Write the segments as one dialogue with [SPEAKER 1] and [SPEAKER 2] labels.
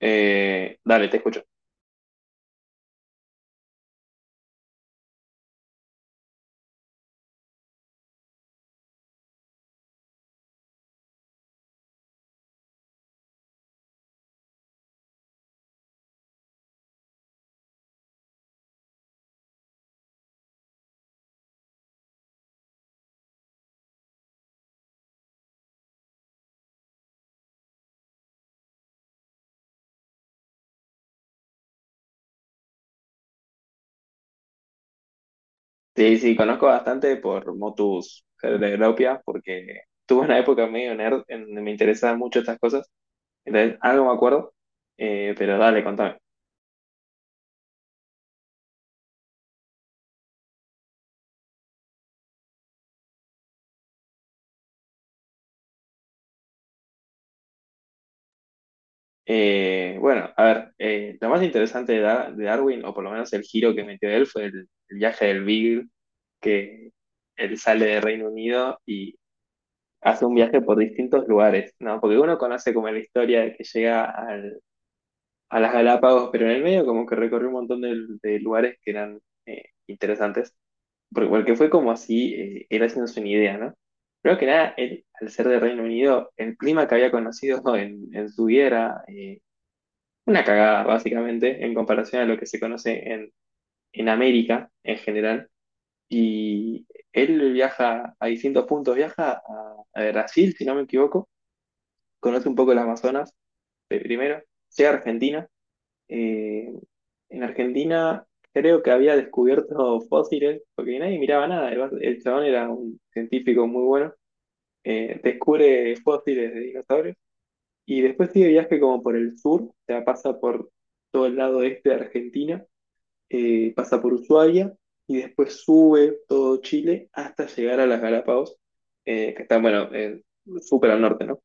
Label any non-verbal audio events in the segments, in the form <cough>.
[SPEAKER 1] Dale, te escucho. Sí, sí, conozco bastante por Motus Cerebropia, porque tuve una época medio nerd en me interesaban mucho estas cosas. Entonces, algo me acuerdo, pero dale, contame. Bueno, a ver, lo más interesante de, de Darwin, o por lo menos el giro que metió él, fue el viaje del Beagle, que él sale de Reino Unido y hace un viaje por distintos lugares, ¿no? Porque uno conoce como la historia de que llega a las Galápagos, pero en el medio como que recorrí un montón de lugares que eran interesantes, porque fue como así, él haciéndose una idea, ¿no? Creo que nada, él, al ser de Reino Unido, el clima que había conocido <laughs> en su vida era una cagada, básicamente, en comparación a lo que se conoce en América en general. Y él viaja a distintos puntos, viaja a Brasil, si no me equivoco, conoce un poco el Amazonas de primero, llega a Argentina eh, en Argentina creo que había descubierto fósiles, porque nadie miraba nada. El, el chabón era un científico muy bueno. Descubre fósiles de dinosaurios y después sigue viaje como por el sur, o sea, pasa por todo el lado este de Argentina, pasa por Ushuaia y después sube todo Chile hasta llegar a las Galápagos, que están, bueno, súper al norte, ¿no?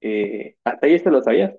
[SPEAKER 1] Hasta ahí esto lo sabías?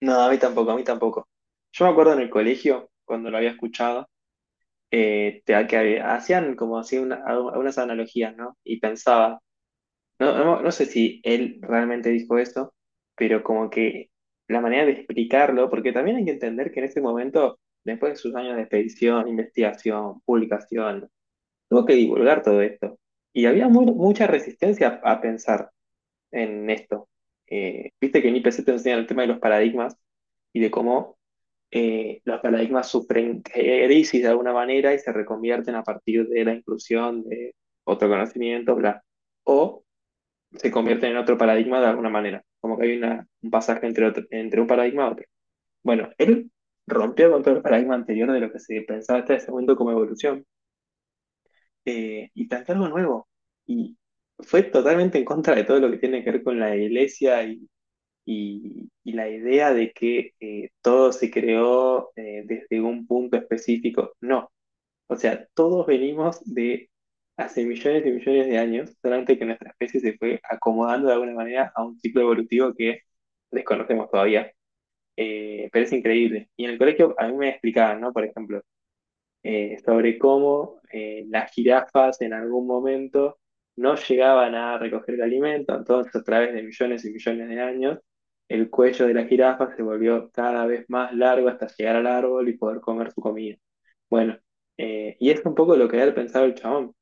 [SPEAKER 1] No, a mí tampoco, a mí tampoco. Yo me acuerdo en el colegio, cuando lo había escuchado, que hacían como así algunas analogías, ¿no? Y pensaba, no, no, no sé si él realmente dijo eso, pero como que la manera de explicarlo, porque también hay que entender que en ese momento, después de sus años de expedición, investigación, publicación, tuvo que divulgar todo esto. Y había mucha resistencia a pensar en esto. Viste que en IPC te enseñan el tema de los paradigmas y de cómo los paradigmas sufren crisis de alguna manera y se reconvierten a partir de la inclusión de otro conocimiento, bla. O se convierten en otro paradigma de alguna manera, como que hay un pasaje entre, entre un paradigma y otro. Bueno, él rompió con todo el paradigma anterior de lo que se pensaba hasta ese momento como evolución y planteó algo nuevo. Y fue totalmente en contra de todo lo que tiene que ver con la iglesia y y la idea de que todo se creó desde un punto específico, no. O sea, todos venimos de hace millones y millones de años, solamente que nuestra especie se fue acomodando de alguna manera a un ciclo evolutivo que desconocemos todavía. Pero es increíble. Y en el colegio a mí me explicaban, ¿no? Por ejemplo, sobre cómo las jirafas en algún momento no llegaban a recoger el alimento, entonces a través de millones y millones de años, el cuello de la jirafa se volvió cada vez más largo hasta llegar al árbol y poder comer su comida. Bueno, y es un poco lo que había pensado el chabón,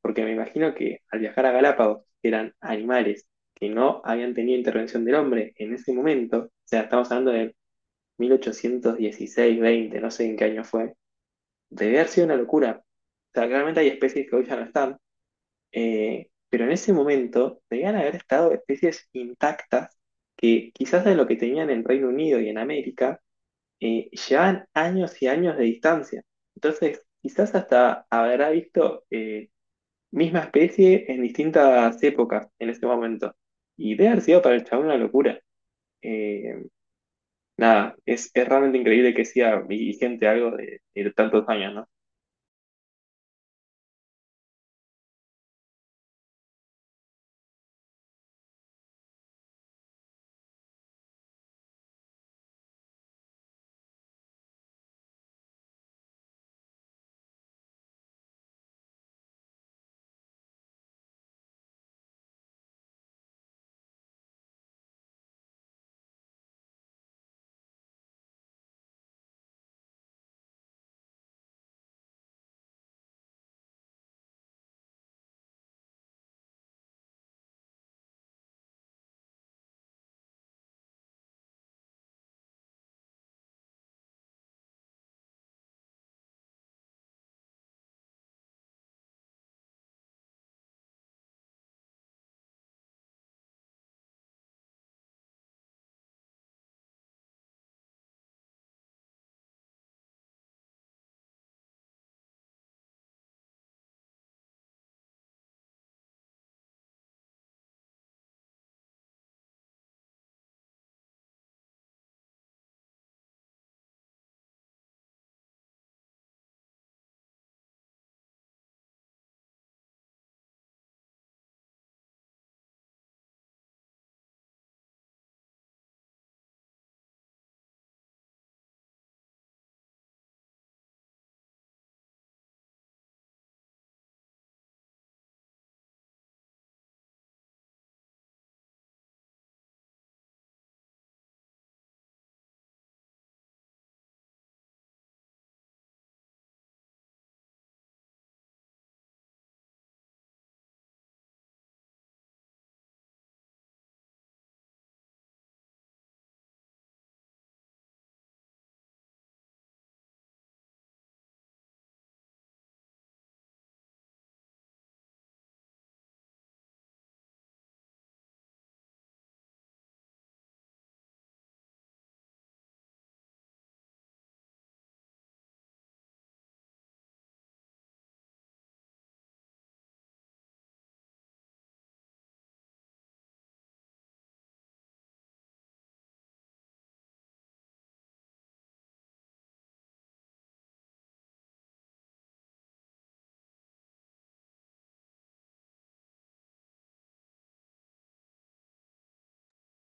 [SPEAKER 1] porque me imagino que al viajar a Galápagos, que eran animales que no habían tenido intervención del hombre en ese momento, o sea, estamos hablando de 1816-20, no sé en qué año fue, debe haber sido una locura. O sea, claramente hay especies que hoy ya no están, pero en ese momento debían haber estado especies intactas que quizás de lo que tenían en Reino Unido y en América llevaban años y años de distancia. Entonces, quizás hasta habrá visto misma especie en distintas épocas en ese momento. Y debe haber sido para el chabón una locura. Eh, Nada, es realmente increíble que sea vigente algo de tantos años, ¿no?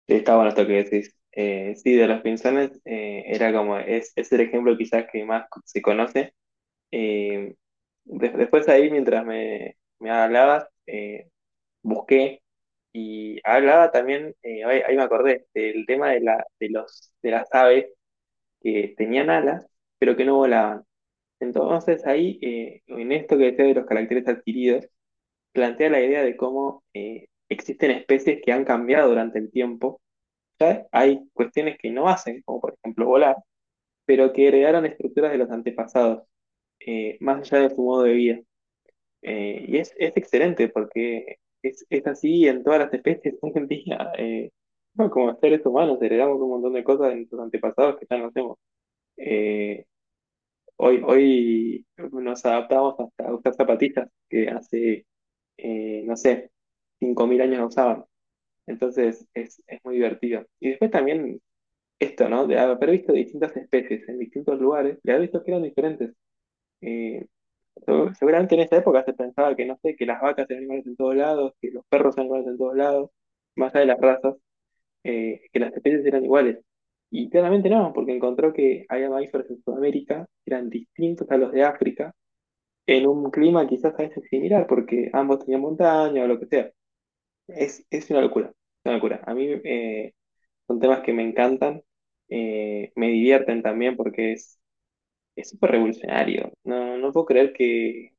[SPEAKER 1] Sí, está bueno esto que decís. Sí, de los pinzones era como, es el ejemplo quizás que más se conoce. Eh, Después ahí, mientras me hablabas, busqué y hablaba también, ahí me acordé, del tema de, la, de, los, de las aves que tenían alas, pero que no volaban. Entonces ahí, en esto que decía de los caracteres adquiridos, plantea la idea de cómo existen especies que han cambiado durante el tiempo, ¿sabes? Hay cuestiones que no hacen, como por ejemplo volar, pero que heredaron estructuras de los antepasados, más allá de su modo de vida. Y es excelente porque es así en todas las especies <laughs> hoy en día. Bueno, como seres humanos heredamos un montón de cosas de nuestros antepasados que ya no hacemos. Eh, Hoy, hoy nos adaptamos hasta usar zapatillas que hace, no sé, 5000 años no usaban. Entonces es muy divertido. Y después también esto, ¿no? De haber visto distintas especies en distintos lugares y haber visto que eran diferentes. Eh, Seguramente en esa época se pensaba que, no sé, que las vacas eran animales en todos lados, que los perros eran animales en todos lados, más allá de las razas, que las especies eran iguales. Y claramente no, porque encontró que había mamíferos en Sudamérica que eran distintos a los de África, en un clima quizás a veces similar, porque ambos tenían montaña o lo que sea. Es una locura, una locura. A mí son temas que me encantan, me divierten también porque es súper revolucionario. No, no puedo creer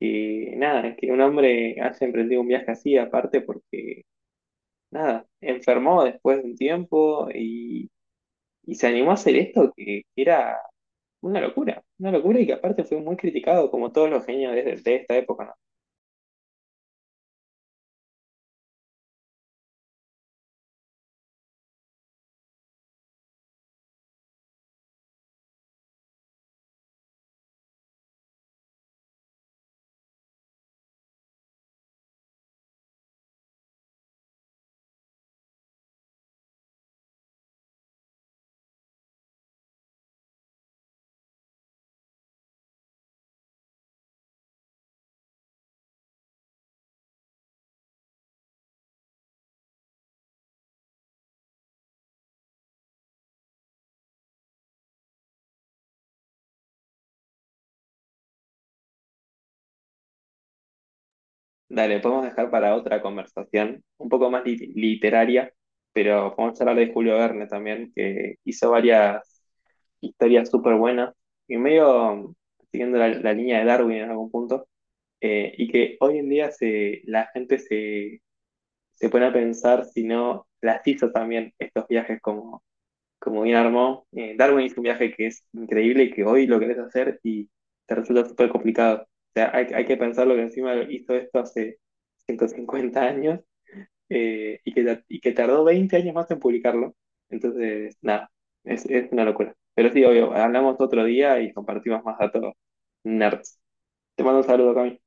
[SPEAKER 1] que, nada, que un hombre haya emprendido un viaje así, aparte porque, nada, enfermó después de un tiempo y se animó a hacer esto que era una locura y que aparte fue muy criticado como todos los genios de esta época. ¿No? Dale, podemos dejar para otra conversación, un poco más literaria, pero podemos hablar de Julio Verne también, que hizo varias historias súper buenas, y medio siguiendo la, la línea de Darwin en algún punto, y que hoy en día se, la gente se, se pone a pensar si no las hizo también estos viajes como como bien armó. Darwin hizo un viaje que es increíble y que hoy lo querés hacer y te resulta súper complicado. O sea, hay que pensar lo que encima hizo esto hace 150 años y, que, y que tardó 20 años más en publicarlo. Entonces, nada, es una locura. Pero sí, obvio, hablamos otro día y compartimos más datos nerds. Te mando un saludo, Cami.